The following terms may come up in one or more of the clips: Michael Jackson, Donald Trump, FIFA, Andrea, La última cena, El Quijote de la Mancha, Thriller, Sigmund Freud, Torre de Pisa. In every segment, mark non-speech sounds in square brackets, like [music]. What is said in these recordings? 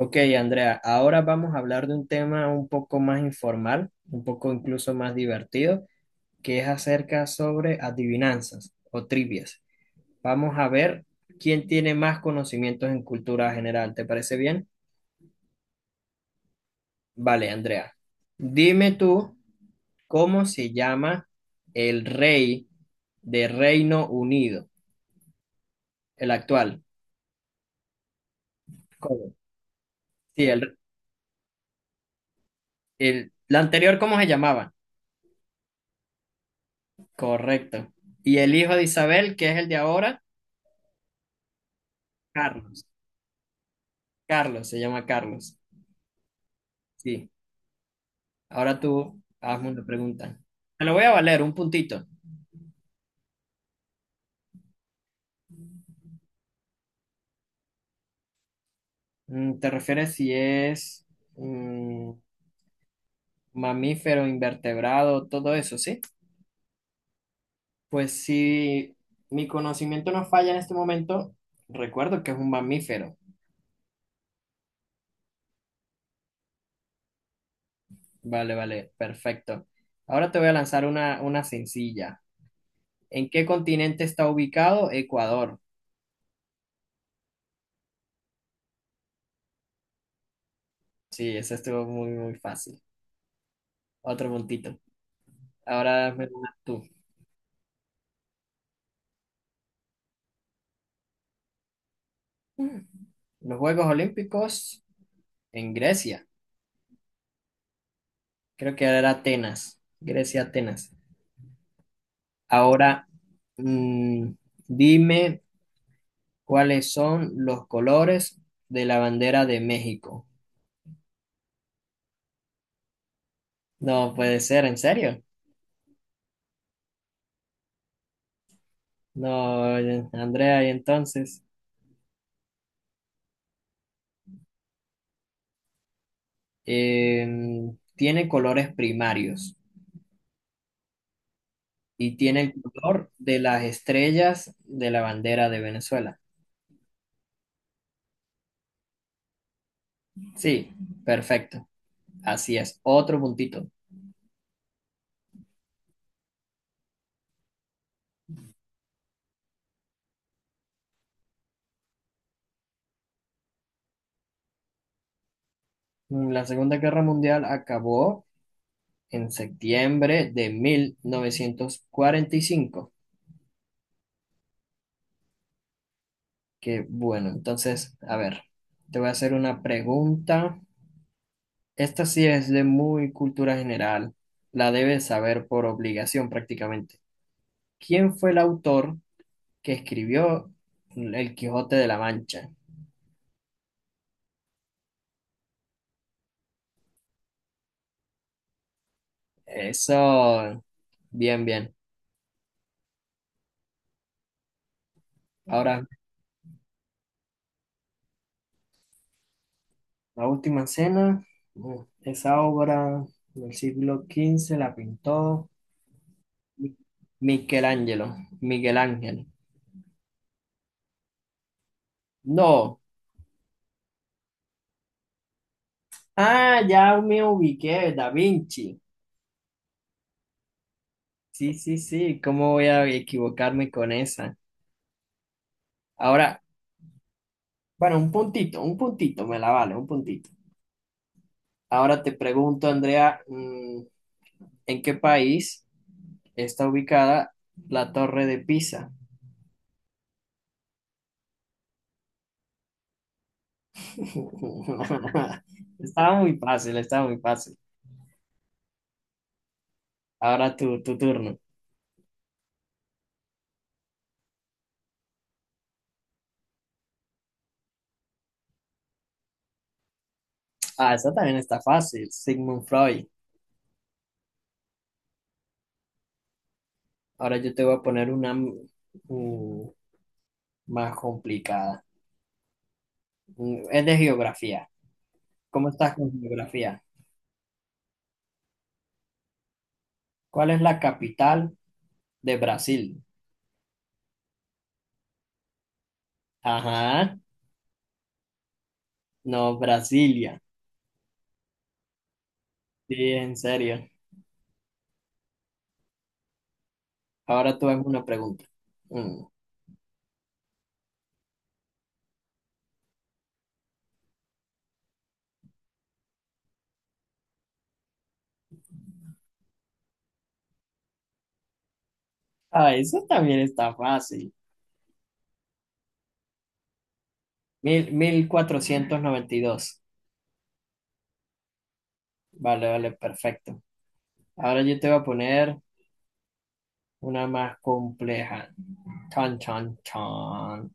Ok, Andrea, ahora vamos a hablar de un tema un poco más informal, un poco incluso más divertido, que es acerca sobre adivinanzas o trivias. Vamos a ver quién tiene más conocimientos en cultura general. ¿Te parece bien? Vale, Andrea. Dime tú, ¿cómo se llama el rey de Reino Unido? El actual. ¿Cómo? Sí, el anterior, ¿cómo se llamaba? Correcto. ¿Y el hijo de Isabel, que es el de ahora? Carlos, se llama Carlos. Sí, ahora tú hazme una pregunta. Te lo voy a valer, un puntito. ¿Te refieres si es mm, mamífero, invertebrado, todo eso, sí? Pues si mi conocimiento no falla en este momento, recuerdo que es un mamífero. Vale, vale, perfecto. Ahora te voy a lanzar una sencilla. ¿En qué continente está ubicado Ecuador? Sí, eso estuvo muy, muy fácil. Otro puntito. Ahora hazme tú. Los Juegos Olímpicos en Grecia. Creo que era Atenas. Grecia, Atenas. Ahora, mm, dime cuáles son los colores de la bandera de México. No puede ser, ¿en serio? No, Andrea, y entonces, tiene colores primarios y tiene el color de las estrellas de la bandera de Venezuela. Sí, perfecto. Así es. Otro puntito. La Segunda Guerra Mundial acabó en septiembre de 1945. Que bueno, entonces, a ver, te voy a hacer una pregunta. Esta sí es de muy cultura general, la debes saber por obligación prácticamente. ¿Quién fue el autor que escribió El Quijote de la Mancha? Eso, bien, bien. Ahora, la última cena, bueno, esa obra del siglo XV la pintó Mi- Michelangelo, Miguel Ángel. No, ah, ya me ubiqué, Da Vinci. Sí, sí, sí, ¿cómo voy a equivocarme con esa? Ahora, bueno, un puntito, me la vale, un puntito. Ahora te pregunto, Andrea, ¿en qué país está ubicada la Torre de Pisa? [laughs] Estaba muy fácil, estaba muy fácil. Ahora tu turno. Ah, esa también está fácil, Sigmund Freud. Ahora yo te voy a poner una más complicada. Es de geografía. ¿Cómo estás con geografía? ¿Cuál es la capital de Brasil? Ajá, no, Brasilia. Sí, en serio. Ahora tú hazme una pregunta. Mm. Ah, eso también está fácil. Mil, 1492. Vale, vale, perfecto. Ahora yo te voy a poner una más compleja. Chan, chan, chan.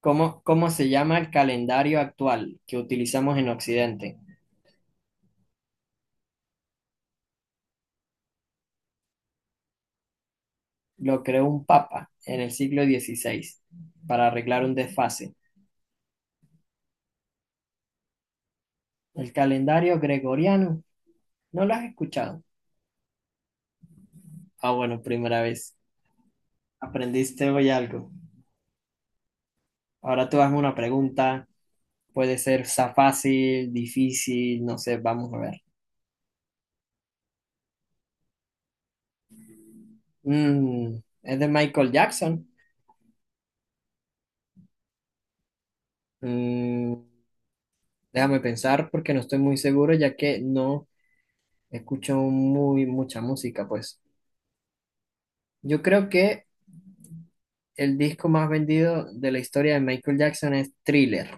¿ cómo se llama el calendario actual que utilizamos en Occidente? Lo creó un papa en el siglo 16 para arreglar un desfase. El calendario gregoriano. ¿No lo has escuchado? Ah, bueno, primera vez. Aprendiste hoy algo. Ahora tú hazme una pregunta. Puede ser fácil, difícil, no sé, vamos a ver. Mm, es de Michael Jackson. Mm, Déjame pensar porque no estoy muy seguro ya que no escucho muy mucha música, pues. Yo creo que el disco más vendido de la historia de Michael Jackson es Thriller.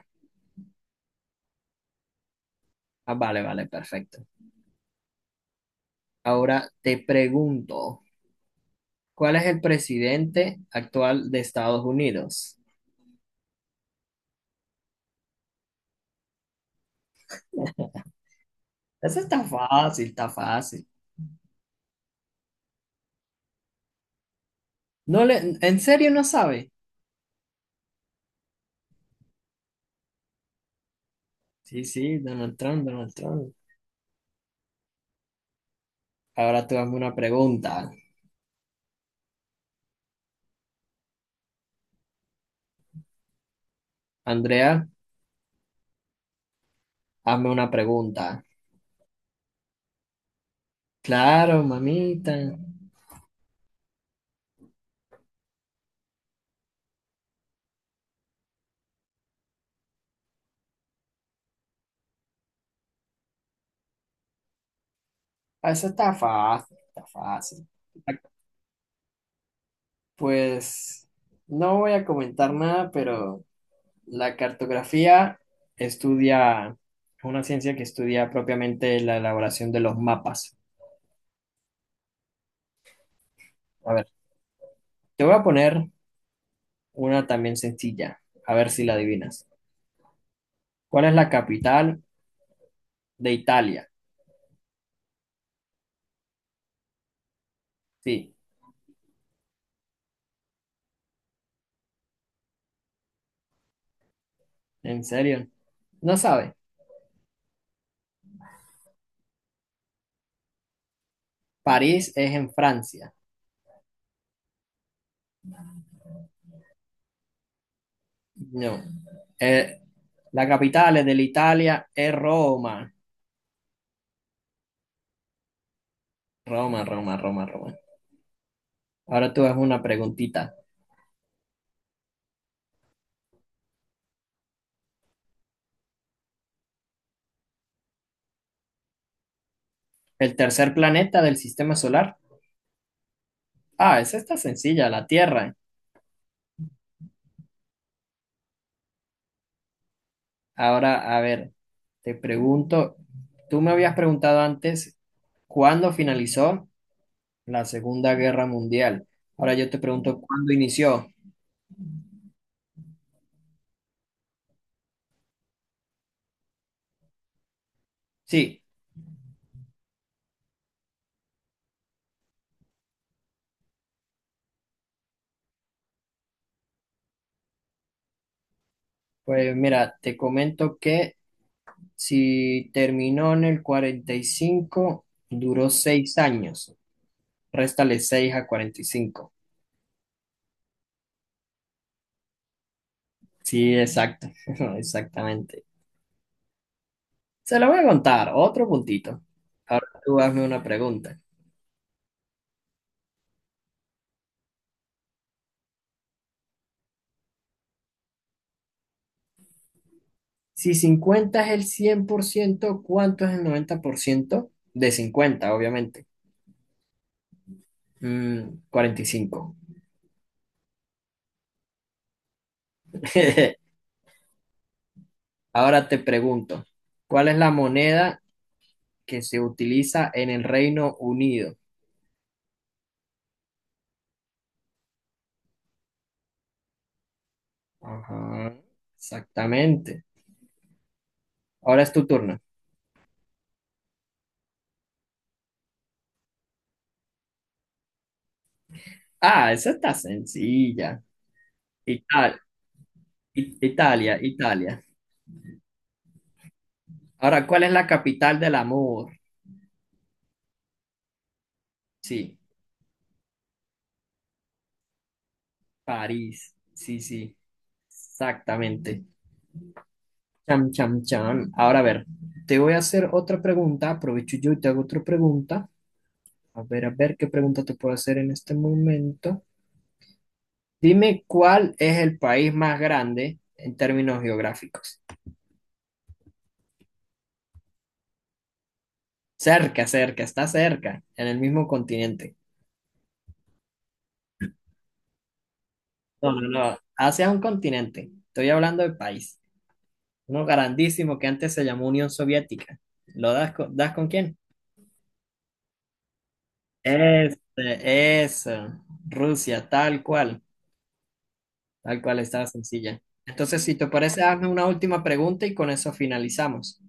Ah, vale, vale, perfecto. Ahora te pregunto, ¿cuál es el presidente actual de Estados Unidos? Eso está fácil, está fácil. No le, ¿en serio no sabe? Sí, sí, Donald Trump, Donald Trump. Ahora tú hazme una pregunta. Andrea, hazme una pregunta. Claro, mamita. Ah, eso está fácil, está fácil. Pues no voy a comentar nada, pero la cartografía estudia, es una ciencia que estudia propiamente la elaboración de los mapas. A ver, te voy a poner una también sencilla, a ver si la adivinas. ¿Cuál es la capital de Italia? Sí, ¿en serio? No sabe. París es en Francia. No. Eh, la capital de la Italia es Roma. Roma, Roma, Roma, Roma. Ahora tú haz una preguntita. ¿El tercer planeta del sistema solar? Ah, esa está sencilla, la Tierra. Ahora, a ver, te pregunto, tú me habías preguntado antes cuándo finalizó la Segunda Guerra Mundial. Ahora yo te pregunto cuándo inició. Sí, pues mira, te comento que si terminó en el 45 duró 6 años. Réstale 6 a 45. Sí, exacto, [laughs] exactamente. Se lo voy a contar, otro puntito. Ahora tú hazme una pregunta. Si 50 es el 100%, ¿cuánto es el 90% de 50 obviamente? 45. [laughs] Ahora te pregunto, ¿cuál es la moneda que se utiliza en el Reino Unido? Ajá, exactamente. Ahora es tu turno. Ah, esa está sencilla. Ita- Italia, Italia. Ahora, ¿cuál es la capital del amor? Sí, París. Sí, sí, exactamente. Cham, cham, cham. Ahora, a ver, te voy a hacer otra pregunta. Aprovecho yo y te hago otra pregunta. A ver qué pregunta te puedo hacer en este momento. Dime cuál es el país más grande en términos geográficos. Cerca, cerca, está cerca, en el mismo continente. No, no, no, Asia es un continente. Estoy hablando de país. Uno grandísimo que antes se llamó Unión Soviética. ¿Lo das con quién? Este, eso. Rusia, tal cual. Tal cual está sencilla. Entonces, si te parece, hazme una última pregunta y con eso finalizamos.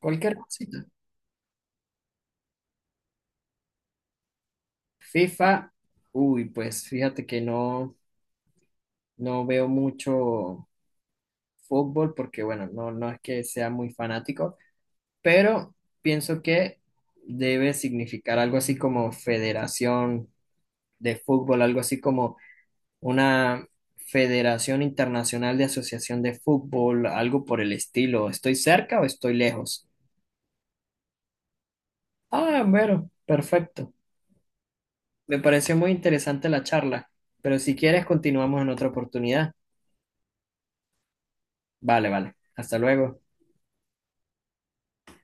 Cualquier cosita. FIFA, uy, pues fíjate que no. No veo mucho fútbol porque, bueno, no, no es que sea muy fanático, pero pienso que debe significar algo así como federación de fútbol, algo así como una federación internacional de asociación de fútbol, algo por el estilo. ¿Estoy cerca o estoy lejos? Ah, bueno, perfecto. Me pareció muy interesante la charla, pero si quieres continuamos en otra oportunidad. Vale, vale. Hasta luego.